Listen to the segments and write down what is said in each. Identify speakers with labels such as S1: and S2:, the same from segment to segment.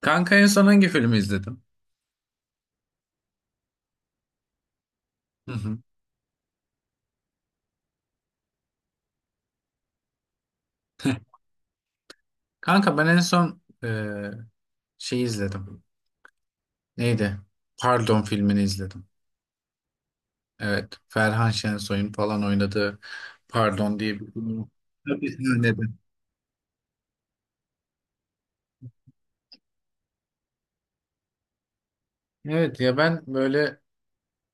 S1: Kanka en son hangi filmi izledim? Hı hı. Kanka ben en son şey izledim. Neydi? Pardon filmini izledim. Evet. Ferhan Şensoy'un falan oynadığı Pardon diye bir film. Tabii izledim. Evet ya ben böyle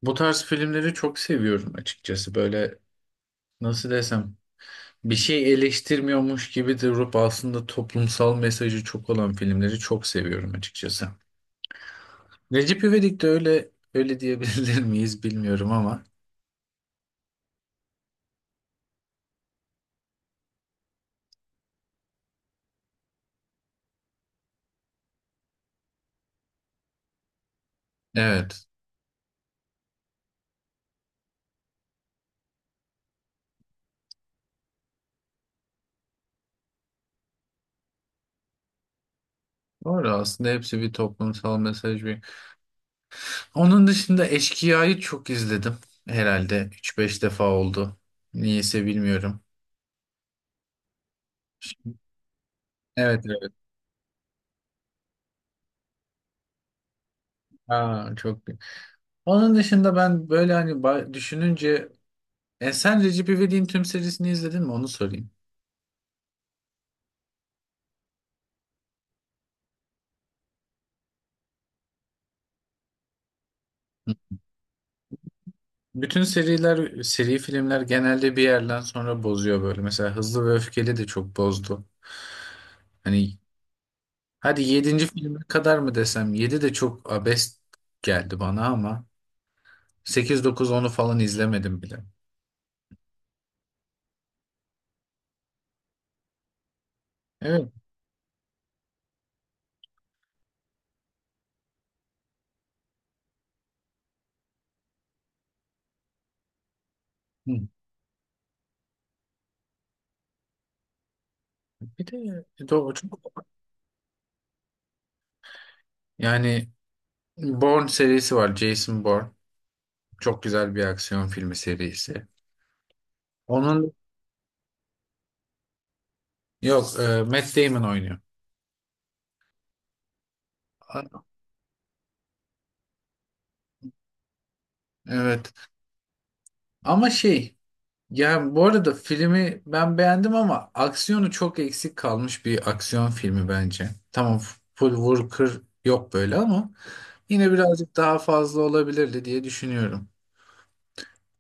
S1: bu tarz filmleri çok seviyorum açıkçası. Böyle nasıl desem bir şey eleştirmiyormuş gibi durup aslında toplumsal mesajı çok olan filmleri çok seviyorum açıkçası. Recep İvedik de öyle öyle diyebilir miyiz bilmiyorum ama. Evet. Doğru aslında hepsi bir toplumsal mesaj bir. Onun dışında Eşkıya'yı çok izledim. Herhalde üç beş defa oldu. Niyeyse bilmiyorum. Evet, evet. Aa, çok. Onun dışında ben böyle hani düşününce sen Recep İvedik'in tüm serisini izledin mi? Onu sorayım. Bütün seriler, seri filmler genelde bir yerden sonra bozuyor böyle. Mesela Hızlı ve Öfkeli de çok bozdu. Hani hadi yedinci filme kadar mı desem? Yedi de çok abest geldi bana ama. 8-9-10'u falan izlemedim bile. Evet. Hı. Bir de çok yani Bourne serisi var. Jason Bourne. Çok güzel bir aksiyon filmi serisi. Onun yok Matt Damon oynuyor. A- Evet. Ama şey yani bu arada filmi ben beğendim ama aksiyonu çok eksik kalmış bir aksiyon filmi bence. Tamam full vur kır yok böyle ama yine birazcık daha fazla olabilirdi diye düşünüyorum.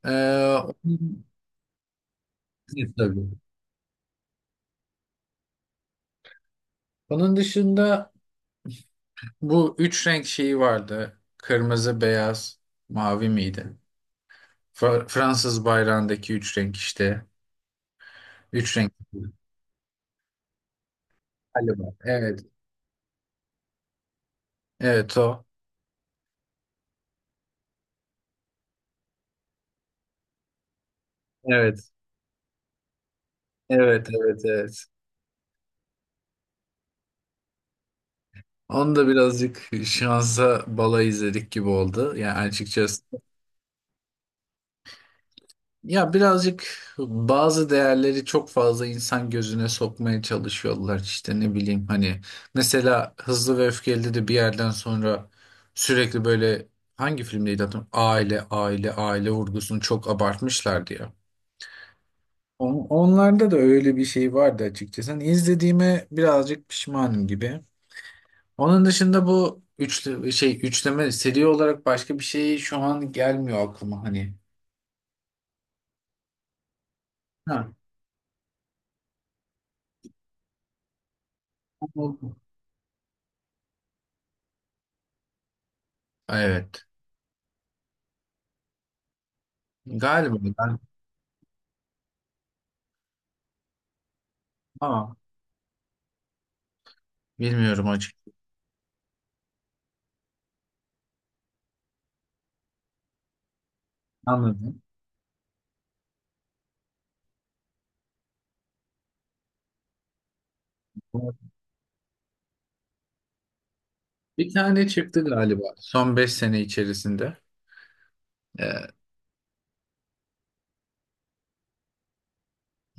S1: Ee, Tabii. Onun dışında bu üç renk şeyi vardı. Kırmızı, beyaz, mavi miydi? Fransız bayrağındaki üç renk işte. Üç renk. Galiba. Evet. Evet o. Evet. Evet, evet, evet. Onu da birazcık şansa bala izledik gibi oldu. Yani açıkçası ya birazcık bazı değerleri çok fazla insan gözüne sokmaya çalışıyorlar işte ne bileyim hani mesela Hızlı ve Öfkeli'de de bir yerden sonra sürekli böyle hangi filmdeydi hatırlamıyorum aile aile aile vurgusunu çok abartmışlardı ya. Onlarda da öyle bir şey vardı açıkçası. Hani izlediğime birazcık pişmanım gibi. Onun dışında bu üçlü şey üçleme seri olarak başka bir şey şu an gelmiyor aklıma hani. Ha. Evet. Galiba. Aa, bilmiyorum hocam. Anladım. Bir tane çıktı galiba son 5 sene içerisinde. Ee,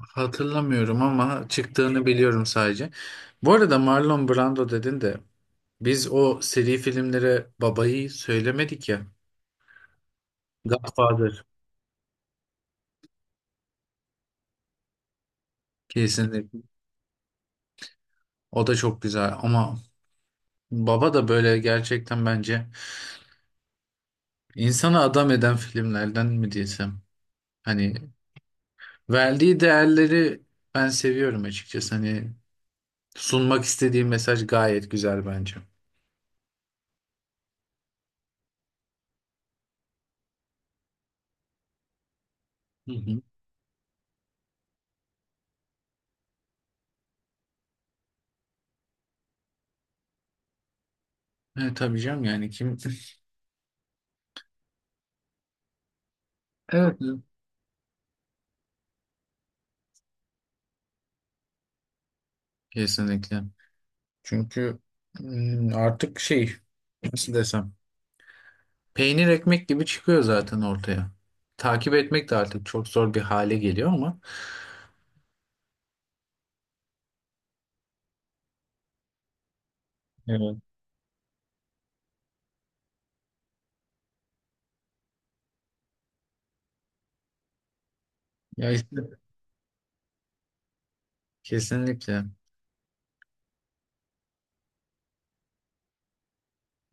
S1: hatırlamıyorum ama çıktığını biliyorum sadece. Bu arada Marlon Brando dedin de biz o seri filmlere babayı söylemedik ya. Godfather kesinlikle. O da çok güzel ama Baba da böyle gerçekten bence insana adam eden filmlerden mi desem. Hani verdiği değerleri ben seviyorum açıkçası. Hani sunmak istediği mesaj gayet güzel bence. Hı hı. Evet tabii canım yani kim? Evet. Kesinlikle. Çünkü artık şey nasıl desem peynir ekmek gibi çıkıyor zaten ortaya. Takip etmek de artık çok zor bir hale geliyor ama evet. Ya işte kesinlikle.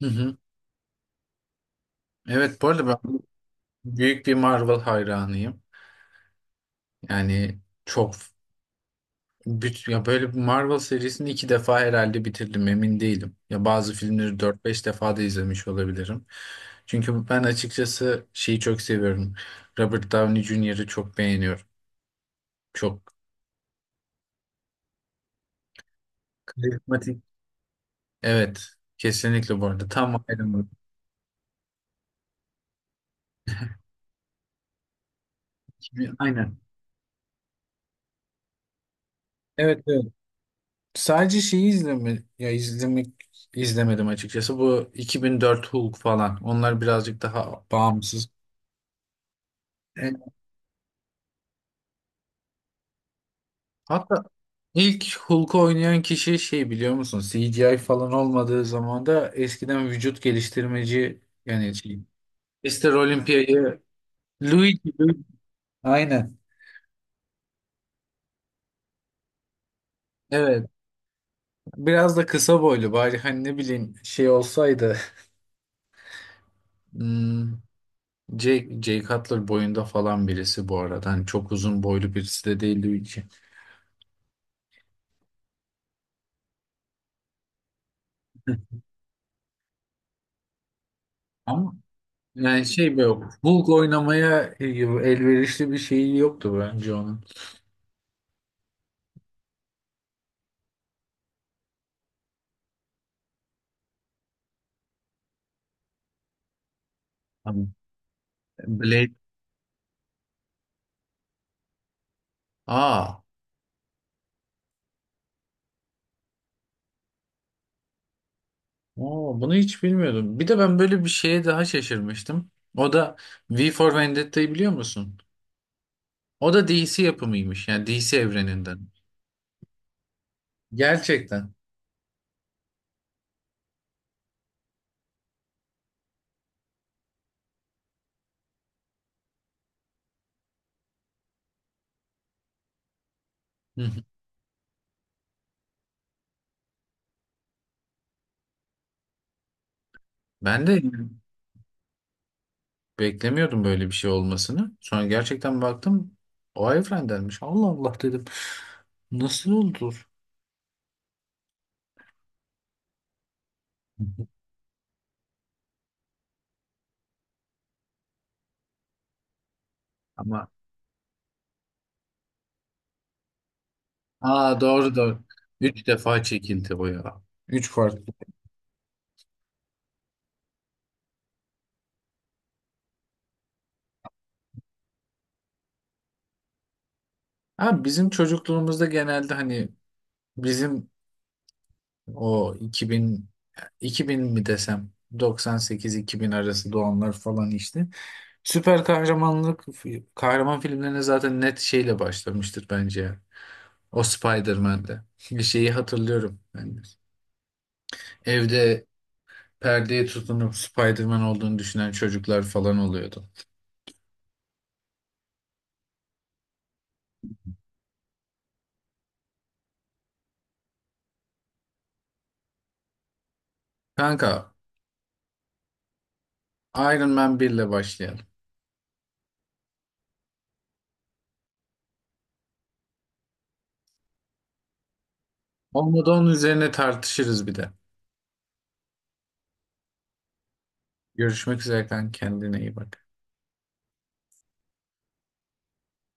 S1: Hı hı. Evet bu arada ben büyük bir Marvel hayranıyım. Yani çok ya böyle bir Marvel serisini iki defa herhalde bitirdim, emin değilim. Ya bazı filmleri dört beş defa da izlemiş olabilirim. Çünkü ben açıkçası şeyi çok seviyorum. Robert Downey Jr.'ı çok beğeniyorum. Çok karizmatik. Evet, kesinlikle bu arada. Tam Iron Man. Gibi. Aynen. Evet, evet. Sadece şeyi izleme, ya izlemek izlemedim açıkçası. Bu 2004 Hulk falan. Onlar birazcık daha bağımsız. E, Hatta İlk Hulk'u oynayan kişi şey biliyor musun? CGI falan olmadığı zaman da eskiden vücut geliştirmeci yani şey, Mr. Olympia'yı Luigi, Luigi. Aynen. Evet. Biraz da kısa boylu bari hani ne bileyim şey olsaydı hmm, Jake Cutler boyunda falan birisi bu arada. Hani çok uzun boylu birisi de değil Luigi. Ama yani şey böyle Hulk oynamaya elverişli bir şey yoktu bence onun. Tamam. Blade. Aa. Oo, bunu hiç bilmiyordum. Bir de ben böyle bir şeye daha şaşırmıştım. O da V for Vendetta'yı biliyor musun? O da DC yapımıymış. Yani DC evreninden. Gerçekten. Hı hı. Ben de beklemiyordum böyle bir şey olmasını. Sonra gerçekten baktım o evrendenmiş. Allah Allah dedim. Nasıl oldu? Hı hı. Ama aa doğru doğru. Üç defa çekildi o ya. Üç farklı. Ha, bizim çocukluğumuzda genelde hani bizim O 2000 2000 mi desem 98-2000 arası doğanlar falan işte. Süper kahramanlık kahraman filmlerine zaten net şeyle başlamıştır bence ya. O Spider-Man'de. Bir şeyi hatırlıyorum ben de. Evde perdeye tutunup Spider-Man olduğunu düşünen çocuklar falan oluyordu. Kanka Iron Man 1 ile başlayalım. Olmadı onun üzerine tartışırız bir de. Görüşmek üzere kanka, kendine iyi bak.